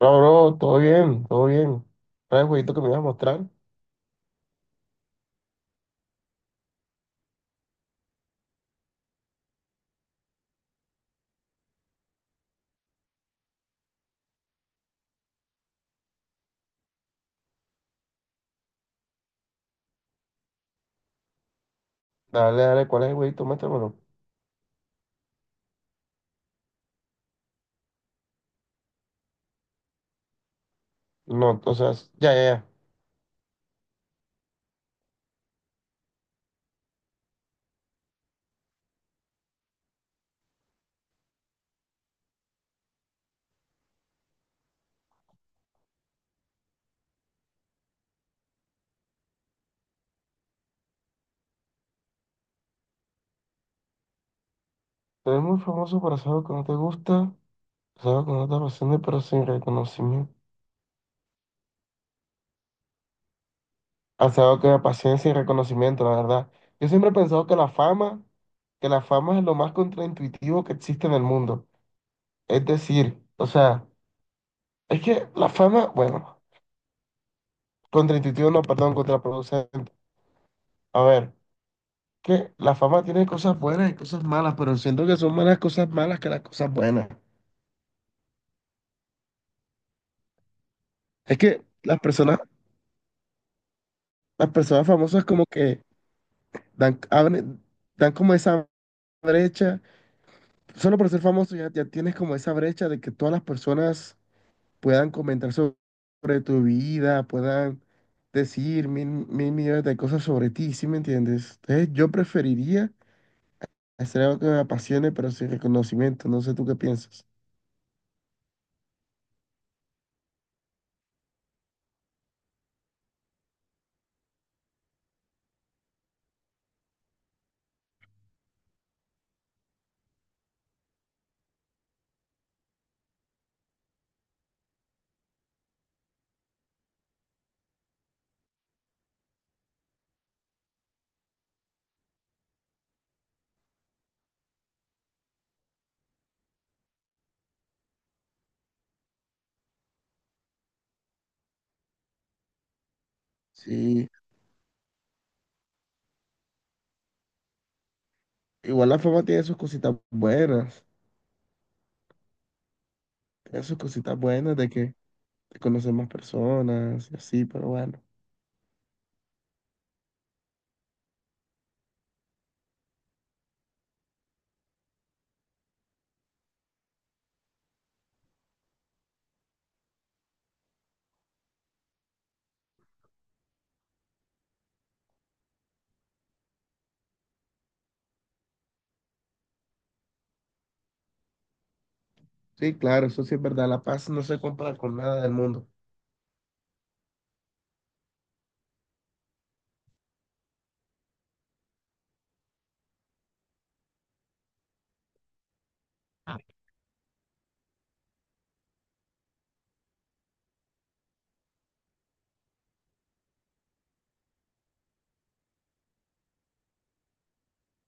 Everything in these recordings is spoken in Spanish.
No, bro, todo bien, todo bien. ¿Cuál es el jueguito que me ibas a mostrar? Dale, dale, ¿cuál es el jueguito? Muéstramelo. No, o sea, ya, ya, ya. Tú eres muy famoso por hacer algo que no te gusta, hacer algo que no te apasiona, pero sin reconocimiento. Hacer algo que me apasiona sin reconocimiento, la verdad. Yo siempre he pensado que la fama es lo más contraintuitivo que existe en el mundo. Es decir, o sea, es que la fama, bueno, contraintuitivo no, perdón, contraproducente. A ver, que la fama tiene cosas buenas y cosas malas, pero siento que son más las cosas malas que las cosas buenas. Es que las personas, Las personas famosas como que dan, abren- dan como esa brecha. Solo por ser famoso ya, ya tienes como esa brecha de que todas las personas puedan sobre tu vida, puedan decir mil millones de cosas sobre ti, ¿sí me entiendes? Entonces yo preferiría hacer algo que me apasione, pero sin reconocimiento. No sé tú qué piensas. Sí. Igual la fama tiene sus cositas buenas, tiene sus cositas buenas de que te conocen más personas y así, pero bueno. Sí, claro, eso sí es verdad, la paz no se compra con nada del mundo.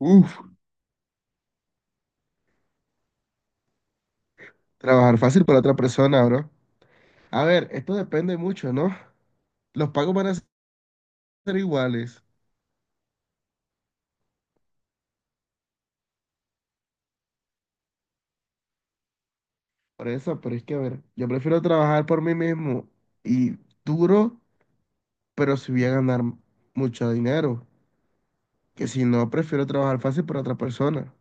Uf, trabajar fácil para otra persona, bro. A ver, esto depende mucho, ¿no? Los pagos van a ser iguales, por eso, pero es que, a ver, yo prefiero trabajar por mí mismo y duro, pero si voy a ganar mucho dinero, que si no, prefiero trabajar fácil para otra persona.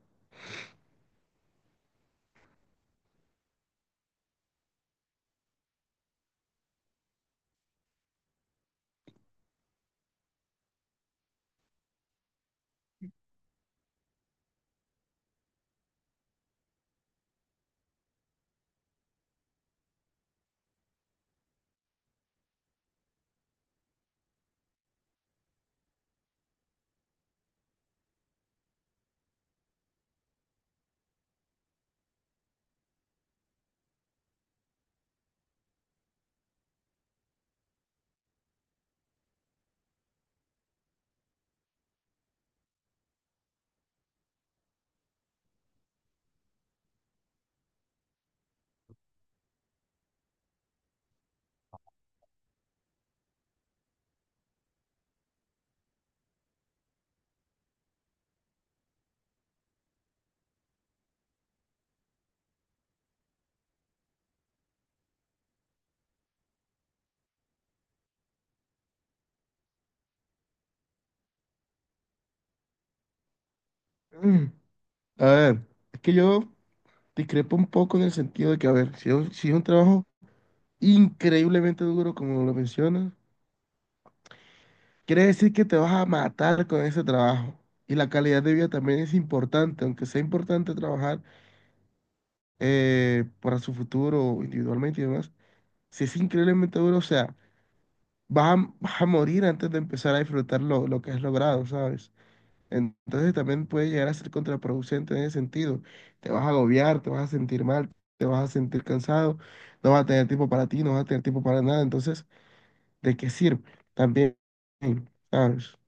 Mm, a ver, es que yo... Discrepo un poco en el sentido de que, a ver, si es un trabajo increíblemente duro, como lo mencionas, quiere decir que te vas a matar con ese trabajo. Y la calidad de vida también es importante, aunque sea importante trabajar para su futuro individualmente y demás. Si es increíblemente duro, o sea, vas a morir antes de empezar a disfrutar lo que has logrado, ¿sabes? Entonces también puede llegar a ser contraproducente en ese sentido. Te vas a agobiar, te vas a sentir mal, te vas a sentir cansado, no vas a tener tiempo para ti, no vas a tener tiempo para nada. Entonces, ¿de qué sirve? También, ¿sabes?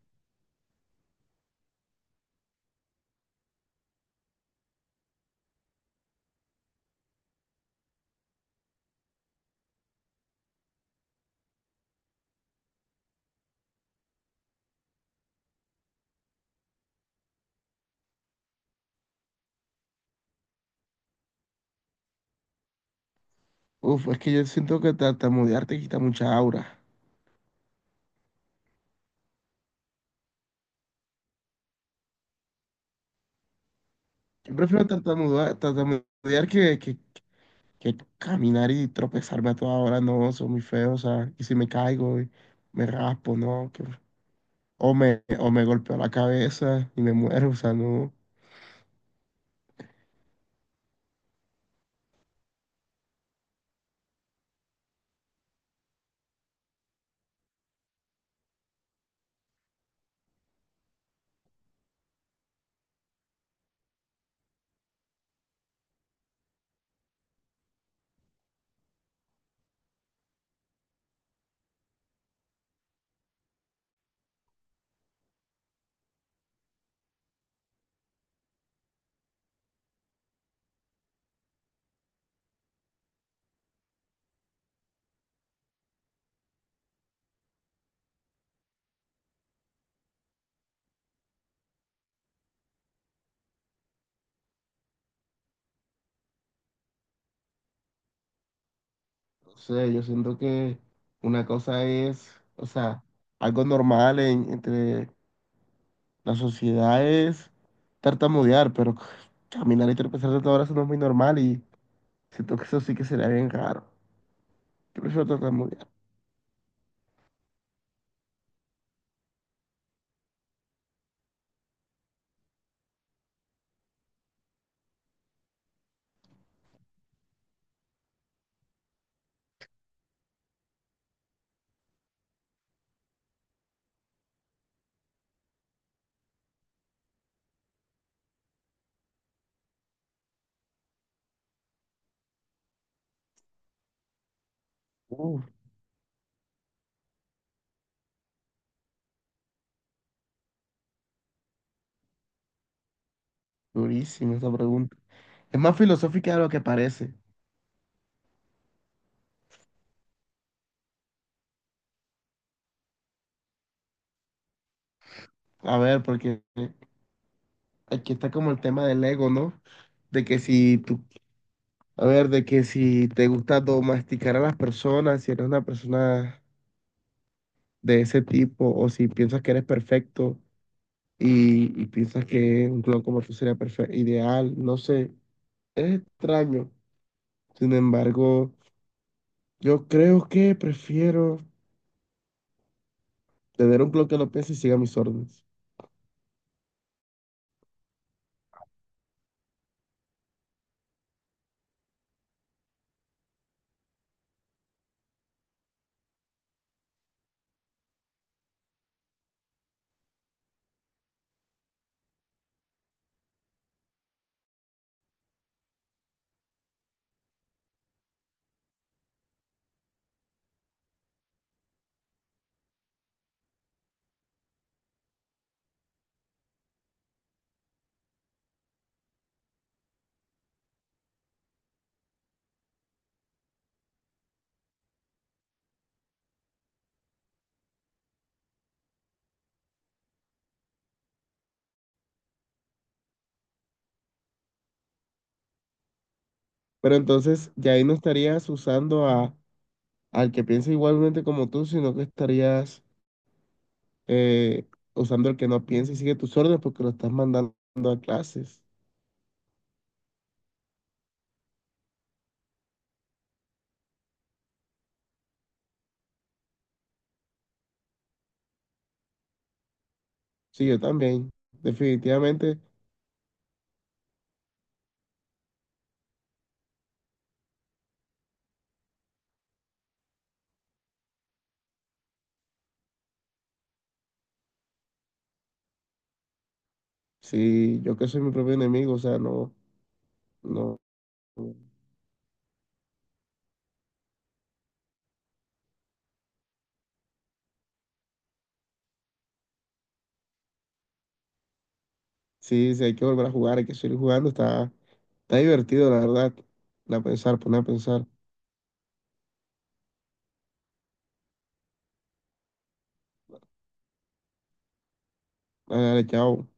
Uf, es que yo siento que tartamudear te quita mucha aura. Yo prefiero tartamudear que caminar y tropezarme a toda hora. No, soy muy feo, o sea, y si me caigo y me raspo, ¿no? O me golpeo la cabeza y me muero, o sea, no. No sé, yo siento que una cosa es, o sea, algo normal entre las sociedades tartamudear, pero caminar y tropezar de todas horas no es muy normal, y siento que eso sí que sería bien raro. Yo prefiero tartamudear. Uh, durísima esa pregunta. Es más filosófica de lo que parece. A ver, porque aquí está como el tema del ego, ¿no? De que si tú, a ver, de que si te gusta domesticar a las personas, si eres una persona de ese tipo, o si piensas que eres perfecto y piensas que un clon como tú sería ideal, no sé, es extraño. Sin embargo, yo creo que prefiero tener un clon que no piense y siga mis órdenes. Pero entonces ya ahí no estarías usando a, al que piensa igualmente como tú, sino que estarías eh, usando al que no piensa y sigue tus órdenes porque lo estás mandando a clases. Sí, yo también. Definitivamente, sí, yo que soy mi propio enemigo, o sea, no, no. Sí, sí, hay que volver a jugar, hay que seguir jugando. Está, está divertido, la verdad. La pensar, poner a pensar. Dale, dale, chao.